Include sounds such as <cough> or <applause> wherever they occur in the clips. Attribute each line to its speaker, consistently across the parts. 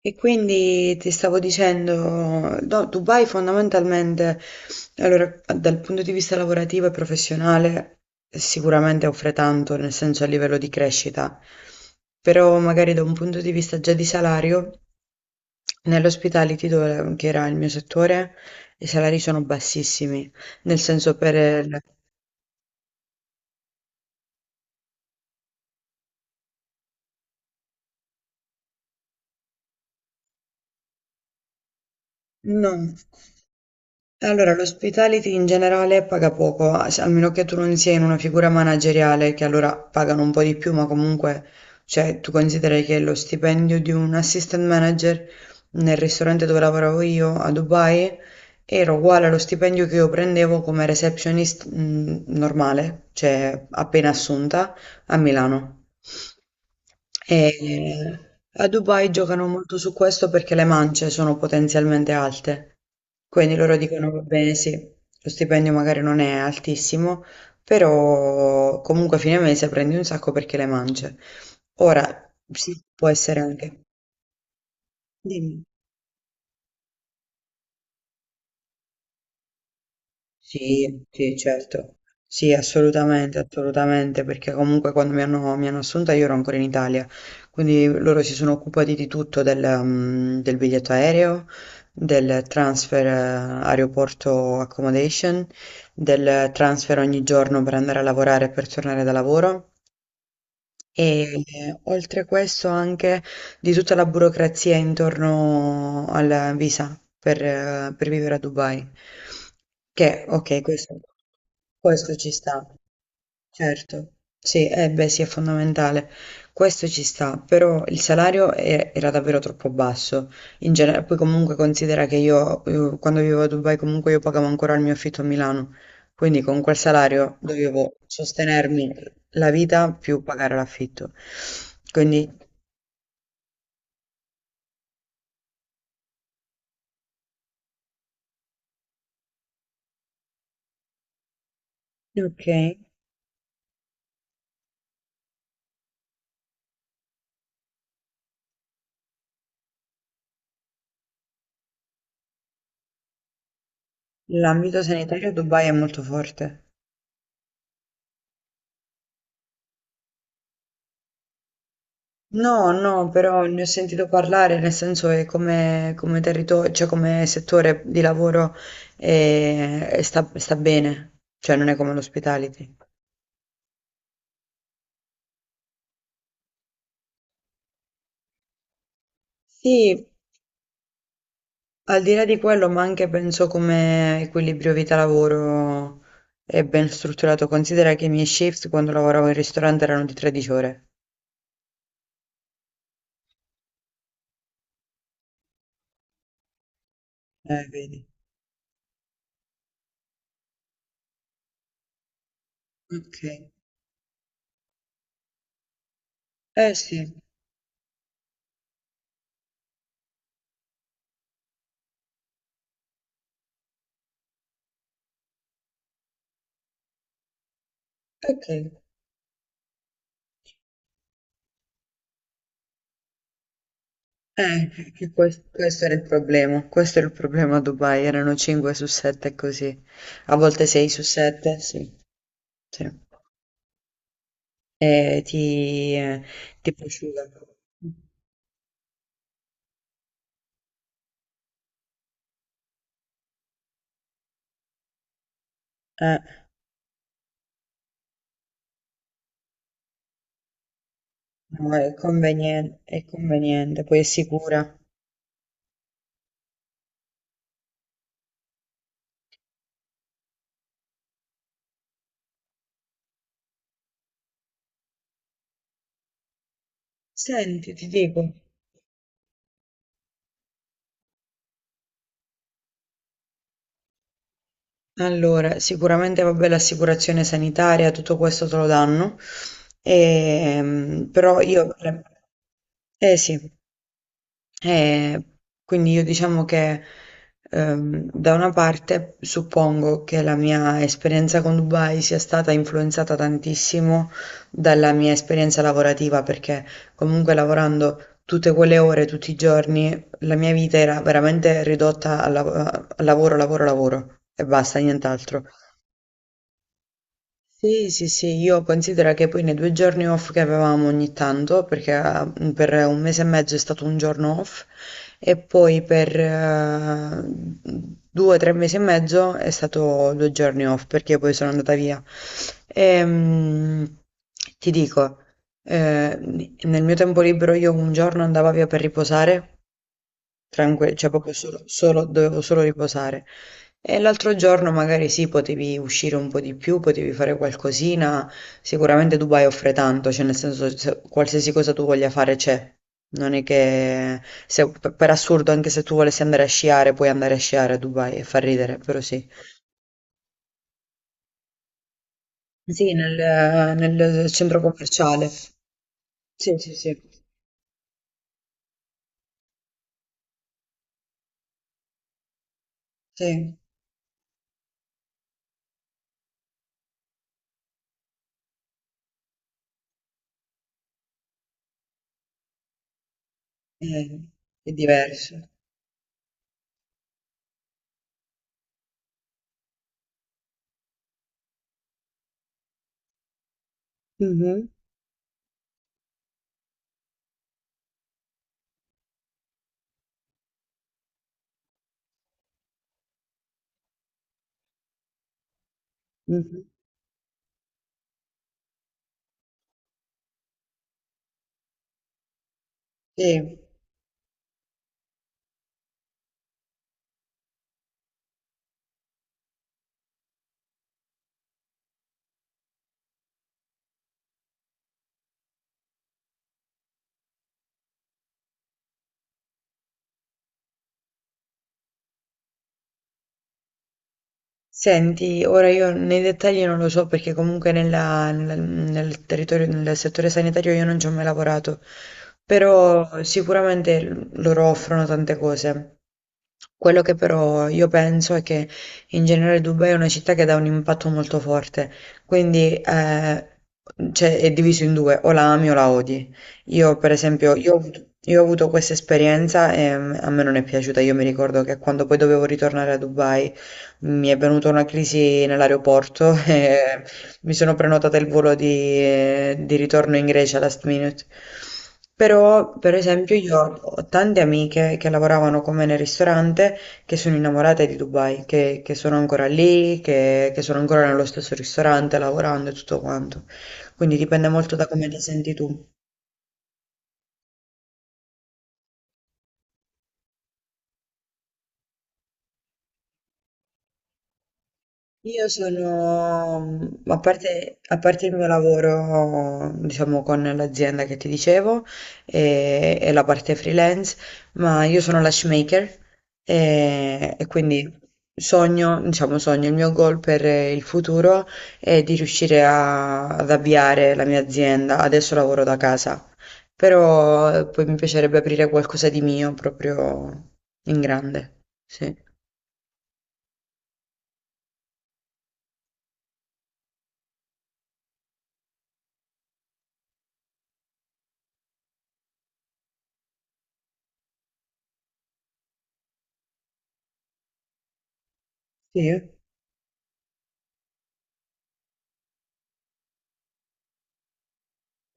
Speaker 1: E quindi ti stavo dicendo, no, Dubai fondamentalmente, allora, dal punto di vista lavorativo e professionale, sicuramente offre tanto, nel senso a livello di crescita, però magari da un punto di vista già di salario, nell'hospitality, dove, che era il mio settore, i salari sono bassissimi, nel senso per... il- No. Allora, l'hospitality in generale paga poco, a se- almeno che tu non sia in una figura manageriale, che allora pagano un po' di più, ma comunque, cioè, tu consideri che lo stipendio di un assistant manager nel ristorante dove lavoravo io a Dubai era uguale allo stipendio che io prendevo come receptionist, normale, cioè appena assunta a Milano. E a Dubai giocano molto su questo perché le mance sono potenzialmente alte. Quindi loro dicono, va bene, sì, lo stipendio magari non è altissimo, però comunque a fine mese prendi un sacco perché le mangi. Ora, sì, può essere anche... Dimmi. Sì, sì, certo. Sì, assolutamente, assolutamente, perché comunque quando mi hanno assunta io ero ancora in Italia, quindi loro si sono occupati di tutto, del biglietto aereo, del transfer aeroporto accommodation, del transfer ogni giorno per andare a lavorare e per tornare da lavoro. E oltre questo anche di tutta la burocrazia intorno alla visa per vivere a Dubai. Che, ok, questo ci sta. Certo, sì, eh beh sì, è fondamentale. Questo ci sta, però il salario era davvero troppo basso. In genere, poi comunque considera che io quando vivevo a Dubai comunque io pagavo ancora il mio affitto a Milano, quindi con quel salario dovevo sostenermi la vita più pagare l'affitto. Quindi, ok, l'ambito sanitario a Dubai è molto forte. No, no, però ne ho sentito parlare, nel senso che come, come territorio, cioè come settore di lavoro sta bene, cioè non è come l'hospitality. Sì, al di là di quello, ma anche penso come equilibrio vita-lavoro è ben strutturato. Considera che i miei shift quando lavoravo in ristorante erano di 13 ore. Vedi. Ok. Eh sì, ok. Che questo, era il problema, questo era il problema a Dubai, erano 5 su 7 così, a volte 6 su 7, sì, sì. E ti prosciuga. Eh, no, è conveniente, poi è sicura. Senti, ti dico, allora, sicuramente vabbè l'assicurazione sanitaria, tutto questo te lo danno, però io... Eh sì, eh, quindi io diciamo che da una parte suppongo che la mia esperienza con Dubai sia stata influenzata tantissimo dalla mia esperienza lavorativa, perché comunque lavorando tutte quelle ore, tutti i giorni, la mia vita era veramente ridotta al al lavoro, lavoro, lavoro e basta, nient'altro. Sì, sì, sì, io considero che poi nei due giorni off che avevamo ogni tanto, perché per un mese e mezzo è stato un giorno off, e poi per due tre mesi e mezzo è stato due giorni off, perché poi sono andata via. Ehm, ti dico, eh, nel mio tempo libero io un giorno andavo via per riposare, Tranque cioè proprio solo dovevo solo riposare. E l'altro giorno magari sì, potevi uscire un po' di più, potevi fare qualcosina. Sicuramente Dubai offre tanto, cioè nel senso qualsiasi cosa tu voglia fare c'è. Non è che per assurdo, anche se tu volessi andare a sciare, puoi andare a sciare a Dubai e fa ridere, però sì. Sì, nel, nel centro commerciale. Sì, sì, sì. Sì, eh, è diverso. Mhm, mhm. Sì. Senti, ora io nei dettagli non lo so perché comunque nel, nel territorio, nel settore sanitario io non ci ho mai lavorato, però sicuramente loro offrono tante cose. Quello che però io penso è che in generale Dubai è una città che dà un impatto molto forte, quindi cioè, è diviso in due, o la ami o la odi. Io per esempio, io ho avuto questa esperienza e a me non è piaciuta, io mi ricordo che quando poi dovevo ritornare a Dubai mi è venuta una crisi nell'aeroporto <laughs> e mi sono prenotata il volo di ritorno in Grecia last minute. Però, per esempio, io ho tante amiche che lavoravano con me nel ristorante che sono innamorate di Dubai, che sono ancora lì, che sono ancora nello stesso ristorante lavorando e tutto quanto. Quindi dipende molto da come ti senti tu. Io sono, a parte il mio lavoro, diciamo, con l'azienda che ti dicevo e la parte freelance, ma io sono lash maker e quindi sogno, diciamo, sogno, il mio goal per il futuro è di riuscire ad avviare la mia azienda. Adesso lavoro da casa, però poi mi piacerebbe aprire qualcosa di mio proprio in grande. Sì. Sì.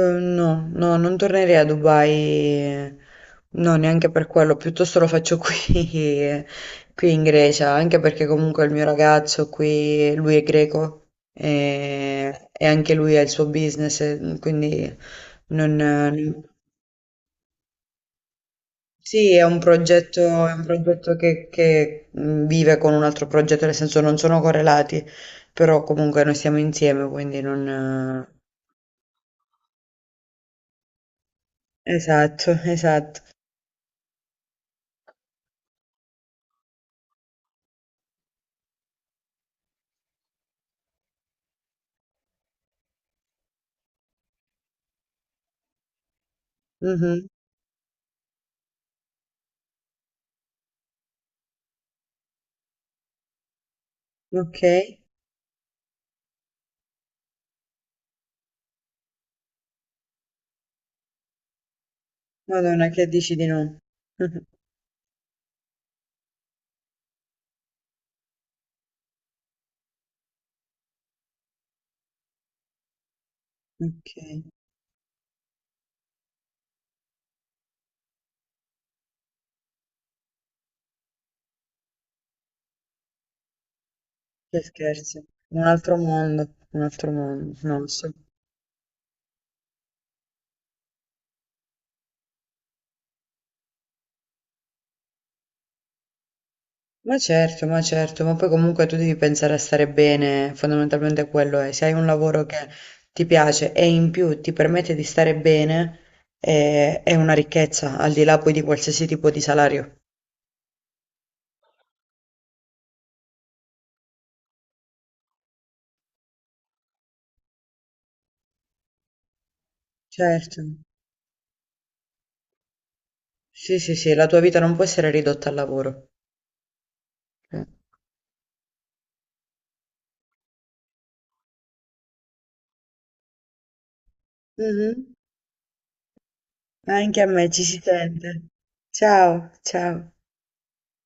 Speaker 1: No, no, non tornerei a Dubai, no, neanche per quello, piuttosto lo faccio qui, <laughs> eh, qui in Grecia, anche perché comunque il mio ragazzo qui, lui è greco e anche lui ha il suo business, e quindi non, Sì, è un progetto che vive con un altro progetto, nel senso non sono correlati, però comunque noi siamo insieme, quindi non... esatto, <laughs> esatto. Mhm, ok. Madonna, che dici di no? <laughs> Ok, che scherzo. Un altro mondo, no, sì. Ma certo, ma certo, ma poi comunque tu devi pensare a stare bene, fondamentalmente quello è. Se hai un lavoro che ti piace e in più ti permette di stare bene, è una ricchezza, al di là poi di qualsiasi tipo di salario. Certo, sì, sì, sì, la tua vita non può essere ridotta al lavoro. Sì. Mhm. Anche a me ci si sente. Ciao, ciao.